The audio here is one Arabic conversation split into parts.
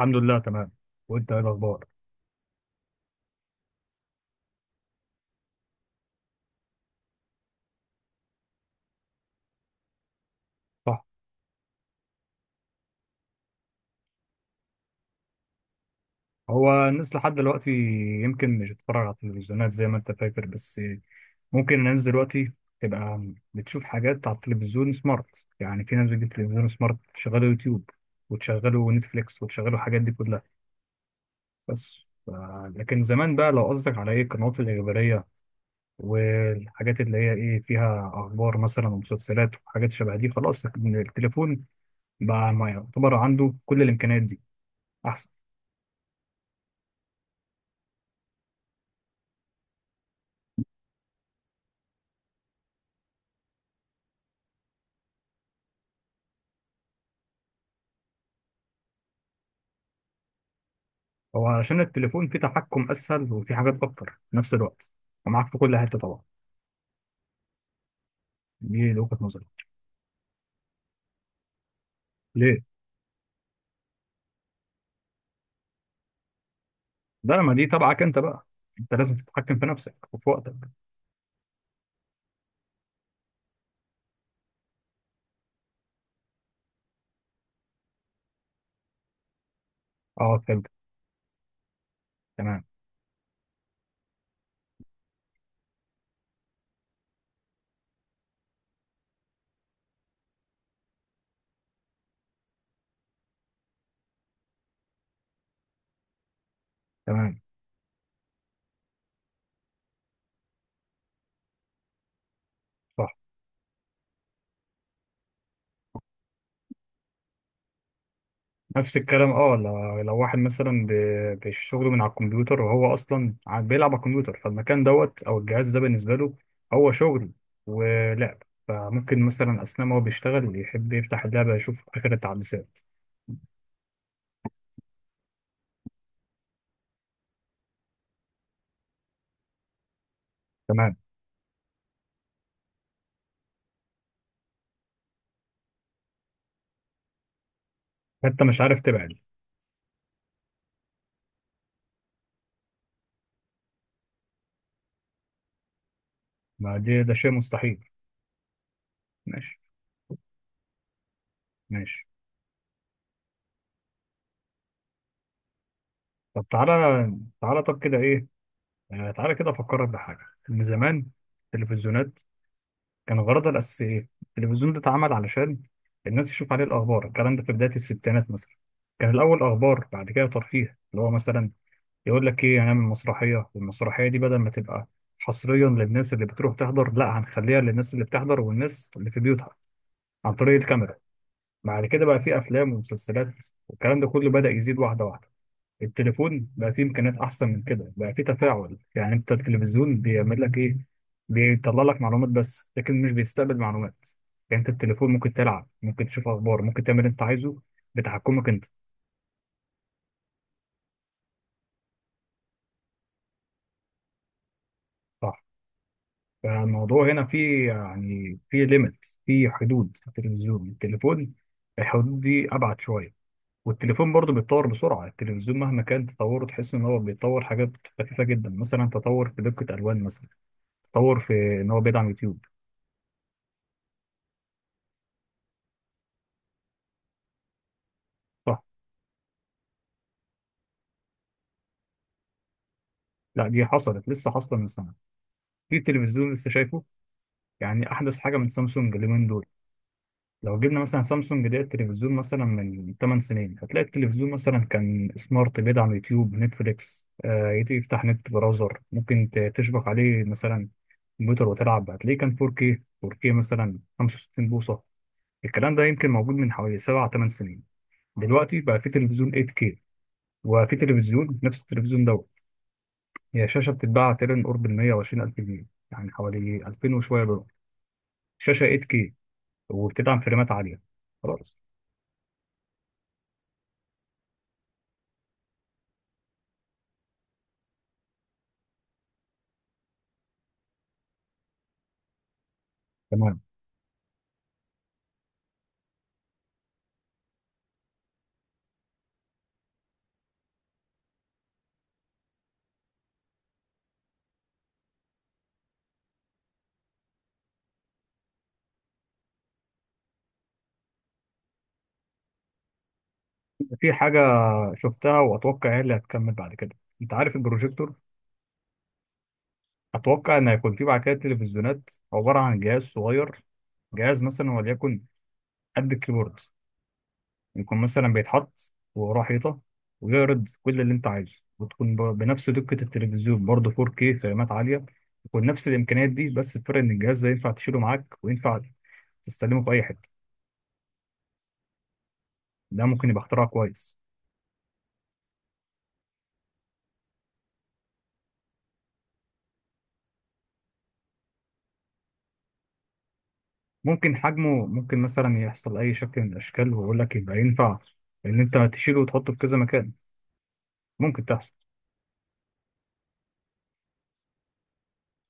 الحمد لله، تمام. وانت ايه الاخبار؟ صح. هو الناس لحد دلوقتي يمكن مش بتتفرج على التلفزيونات زي ما انت فاكر، بس ممكن الناس دلوقتي تبقى بتشوف حاجات على التلفزيون سمارت، يعني في ناس بتجيب تلفزيون سمارت تشغله يوتيوب وتشغله نتفليكس وتشغله الحاجات دي كلها، بس. ف- لكن زمان بقى لو قصدك على ايه القنوات الإخبارية والحاجات اللي هي ايه فيها اخبار مثلا ومسلسلات وحاجات شبه دي، خلاص التليفون بقى ما يعتبر عنده كل الامكانيات دي. هو عشان التليفون فيه تحكم اسهل وفيه حاجات اكتر في نفس الوقت ومعاك في كل حته طبعا. دي وجهه نظري. ليه؟ ده ما دي تبعك انت بقى، انت لازم تتحكم في نفسك وفي وقتك. اه، فهمت. تمام. تمام. صح. نفس الكلام، اه، لو واحد مثلا بشغله من على الكمبيوتر، وهو اصلا بيلعب على الكمبيوتر، فالمكان دوت او الجهاز ده بالنسبه له هو شغل ولعب، فممكن مثلا اثناء ما هو بيشتغل يحب يفتح اللعبه يشوف اخر التحديثات. تمام. انت مش عارف تبعد. ما دي ده شيء مستحيل. ماشي. ماشي. طب تعالى، تعالى طب كده ايه؟ آه، تعالى كده افكرك بحاجه، ان زمان التلفزيونات كان غرضها الاساسي ايه؟ التلفزيون ده اتعمل علشان الناس تشوف عليه الاخبار، الكلام ده في بدايه الستينات مثلا. كان الاول اخبار، بعد كده ترفيه، اللي هو مثلا يقول لك ايه، هنعمل مسرحيه، والمسرحيه دي بدل ما تبقى حصريا للناس اللي بتروح تحضر، لا هنخليها للناس اللي بتحضر والناس اللي في بيوتها عن طريق الكاميرا. بعد كده بقى في افلام ومسلسلات، والكلام ده كله بدأ يزيد واحده واحده. التليفون بقى فيه امكانيات احسن من كده، بقى فيه تفاعل، يعني انت التلفزيون بيعمل لك ايه؟ بيطلع لك معلومات بس، لكن مش بيستقبل معلومات. يعني انت التليفون ممكن تلعب، ممكن تشوف اخبار، ممكن تعمل اللي انت عايزه، بتحكمك انت. صح. فالموضوع هنا فيه، يعني فيه ليميت، فيه حدود في التلفزيون. التليفون الحدود دي ابعد شويه، والتليفون برضه بيتطور بسرعه. التلفزيون مهما كان تطوره تحس ان هو بيتطور حاجات خفيفه جدا، مثلا تطور في دقه، الوان مثلا، تطور في ان هو بيدعم يوتيوب، صح؟ لا، دي حصلت لسه، حاصله من سنه، في تلفزيون لسه شايفه، يعني احدث حاجه من سامسونج اليومين دول. لو جبنا مثلا سامسونج ده التلفزيون مثلا من 8 سنين، هتلاقي التلفزيون مثلا كان سمارت، بيدعم يوتيوب نتفليكس، آه، يفتح نت براوزر، ممكن تشبك عليه مثلا كمبيوتر وتلعب، هتلاقيه كان 4K، مثلا 65 بوصه. الكلام ده يمكن موجود من حوالي 7 8 سنين. دلوقتي بقى في تلفزيون 8K، وفي تلفزيون نفس التلفزيون ده، هي شاشة بتتباع تقريبا قرب ال 120 ألف جنيه، يعني حوالي 2000 وشوية دولار، شاشة 8K وبتدعم فريمات عالية، خلاص. تمام. في حاجة شفتها وأتوقع هي اللي هتكمل بعد كده. أنت عارف البروجيكتور؟ أتوقع إن هيكون فيه بعد كده تلفزيونات عبارة عن جهاز صغير، جهاز مثلا وليكن قد الكيبورد، يكون مثلا بيتحط وراه حيطة ويعرض كل اللي أنت عايزه، وتكون بنفس دقة التلفزيون، برضه 4K، فريمات عالية، يكون نفس الامكانيات دي، بس الفرق ان الجهاز ده ينفع تشيله معاك، وينفع تستخدمه في أي حتة. ده ممكن يبقى اختراع كويس. ممكن حجمه، ممكن مثلا يحصل أي شكل من الأشكال، ويقول لك يبقى ينفع إن أنت تشيله وتحطه في كذا مكان. ممكن تحصل.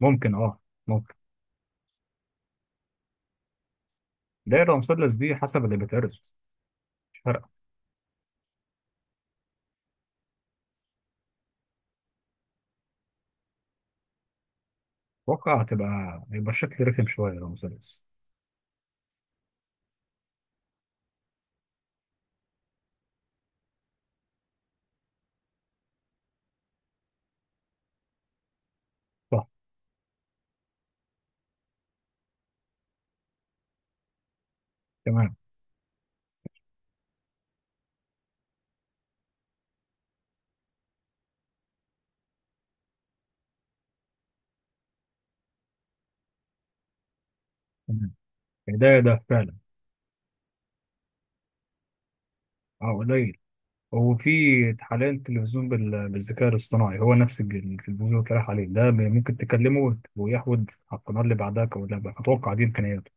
ممكن، أه. ممكن. دايرة، مثلث، دي حسب اللي بيتعرض، مش فارقة. أتوقع هتبقى، يبقى الشكل رخم شوية لو مثلث. صح. تمام. تمام. ده فعلا. أه، قليل. هو في حاليا تلفزيون بالذكاء الاصطناعي، هو نفس التلفزيون اللي اتقال عليه ده، ممكن تكلمه ويحود على القناة اللي بعدها أو اللي بعدها. أتوقع دي إمكانياته.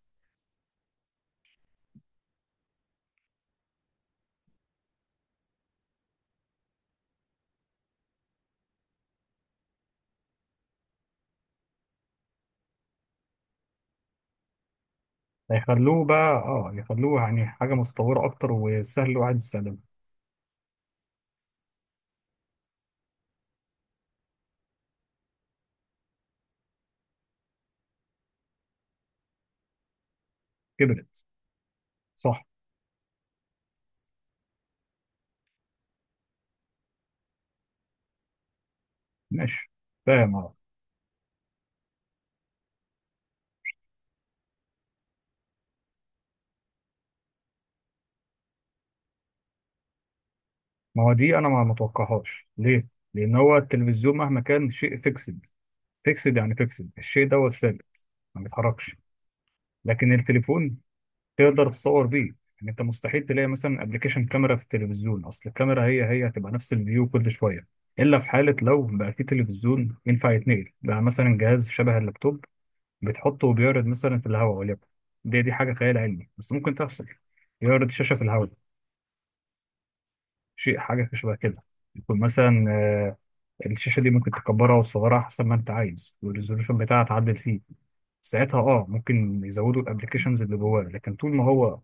هيخلوه بقى، اه، يخلوه يعني حاجة متطورة أكتر، وسهل الواحد يستخدمها. كبرت. صح. ماشي. فاهم، اه. ما هو دي أنا ما متوقعهاش، ليه؟ لأن هو التلفزيون مهما كان شيء فيكسد. فيكسد يعني فيكسد، الشيء ده هو الثابت، ما بيتحركش. لكن التليفون تقدر تصور بيه، يعني أنت مستحيل تلاقي مثلا أبلكيشن كاميرا في التلفزيون، أصل الكاميرا هي هتبقى نفس الفيو كل شوية. إلا في حالة لو بقى في تلفزيون ينفع يتنقل بقى، مثلا جهاز شبه اللابتوب، بتحطه وبيعرض مثلا في الهواء، وليكن، دي حاجة خيال علمي بس ممكن تحصل، يعرض شاشة في الهواء. شيء حاجة شبه كده، يكون مثلا الشاشة دي ممكن تكبرها وتصغرها حسب ما أنت عايز، والريزولوشن بتاعها تعدل فيه، ساعتها ممكن يزودوا الأبلكيشنز اللي جواه، لكن طول ما هو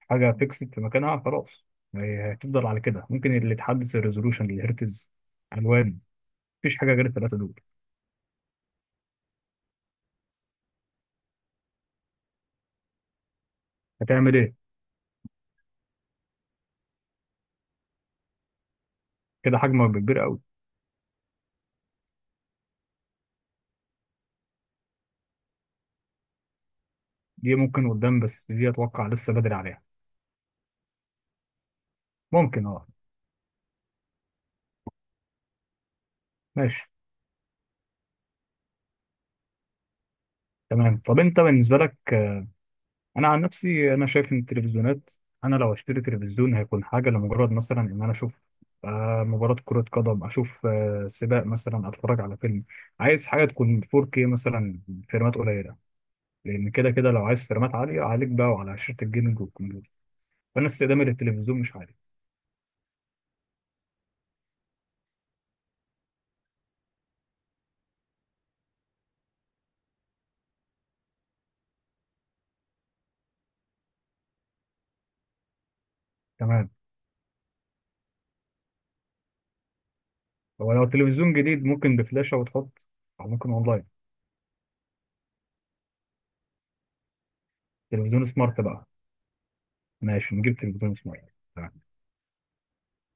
حاجة فيكسد في مكانها، خلاص، هتفضل على كده. ممكن اللي تحدث الريزولوشن، الهرتز، ألوان، مفيش حاجة غير التلاتة دول. هتعمل إيه؟ كده حجمه هيبقى كبير أوي. دي ممكن قدام، بس دي أتوقع لسه بدري عليها. ممكن، أه. ماشي. تمام. طب انت بالنسبه لك، انا عن نفسي انا شايف ان التلفزيونات، انا لو اشتري تلفزيون هيكون حاجه لمجرد مثلا ان انا اشوف مباراه كره قدم، اشوف سباق، مثلا اتفرج على فيلم، عايز حاجه تكون 4K مثلا، فريمات قليله، لان كده كده لو عايز فريمات عاليه عليك بقى وعلى شاشه الجيمنج والكمبيوتر. فانا استخدامي للتلفزيون مش عالي. تمام. هو لو تلفزيون جديد ممكن بفلاشه وتحط، او ممكن اونلاين. تلفزيون سمارت بقى. ماشي، نجيب تلفزيون سمارت، تمام.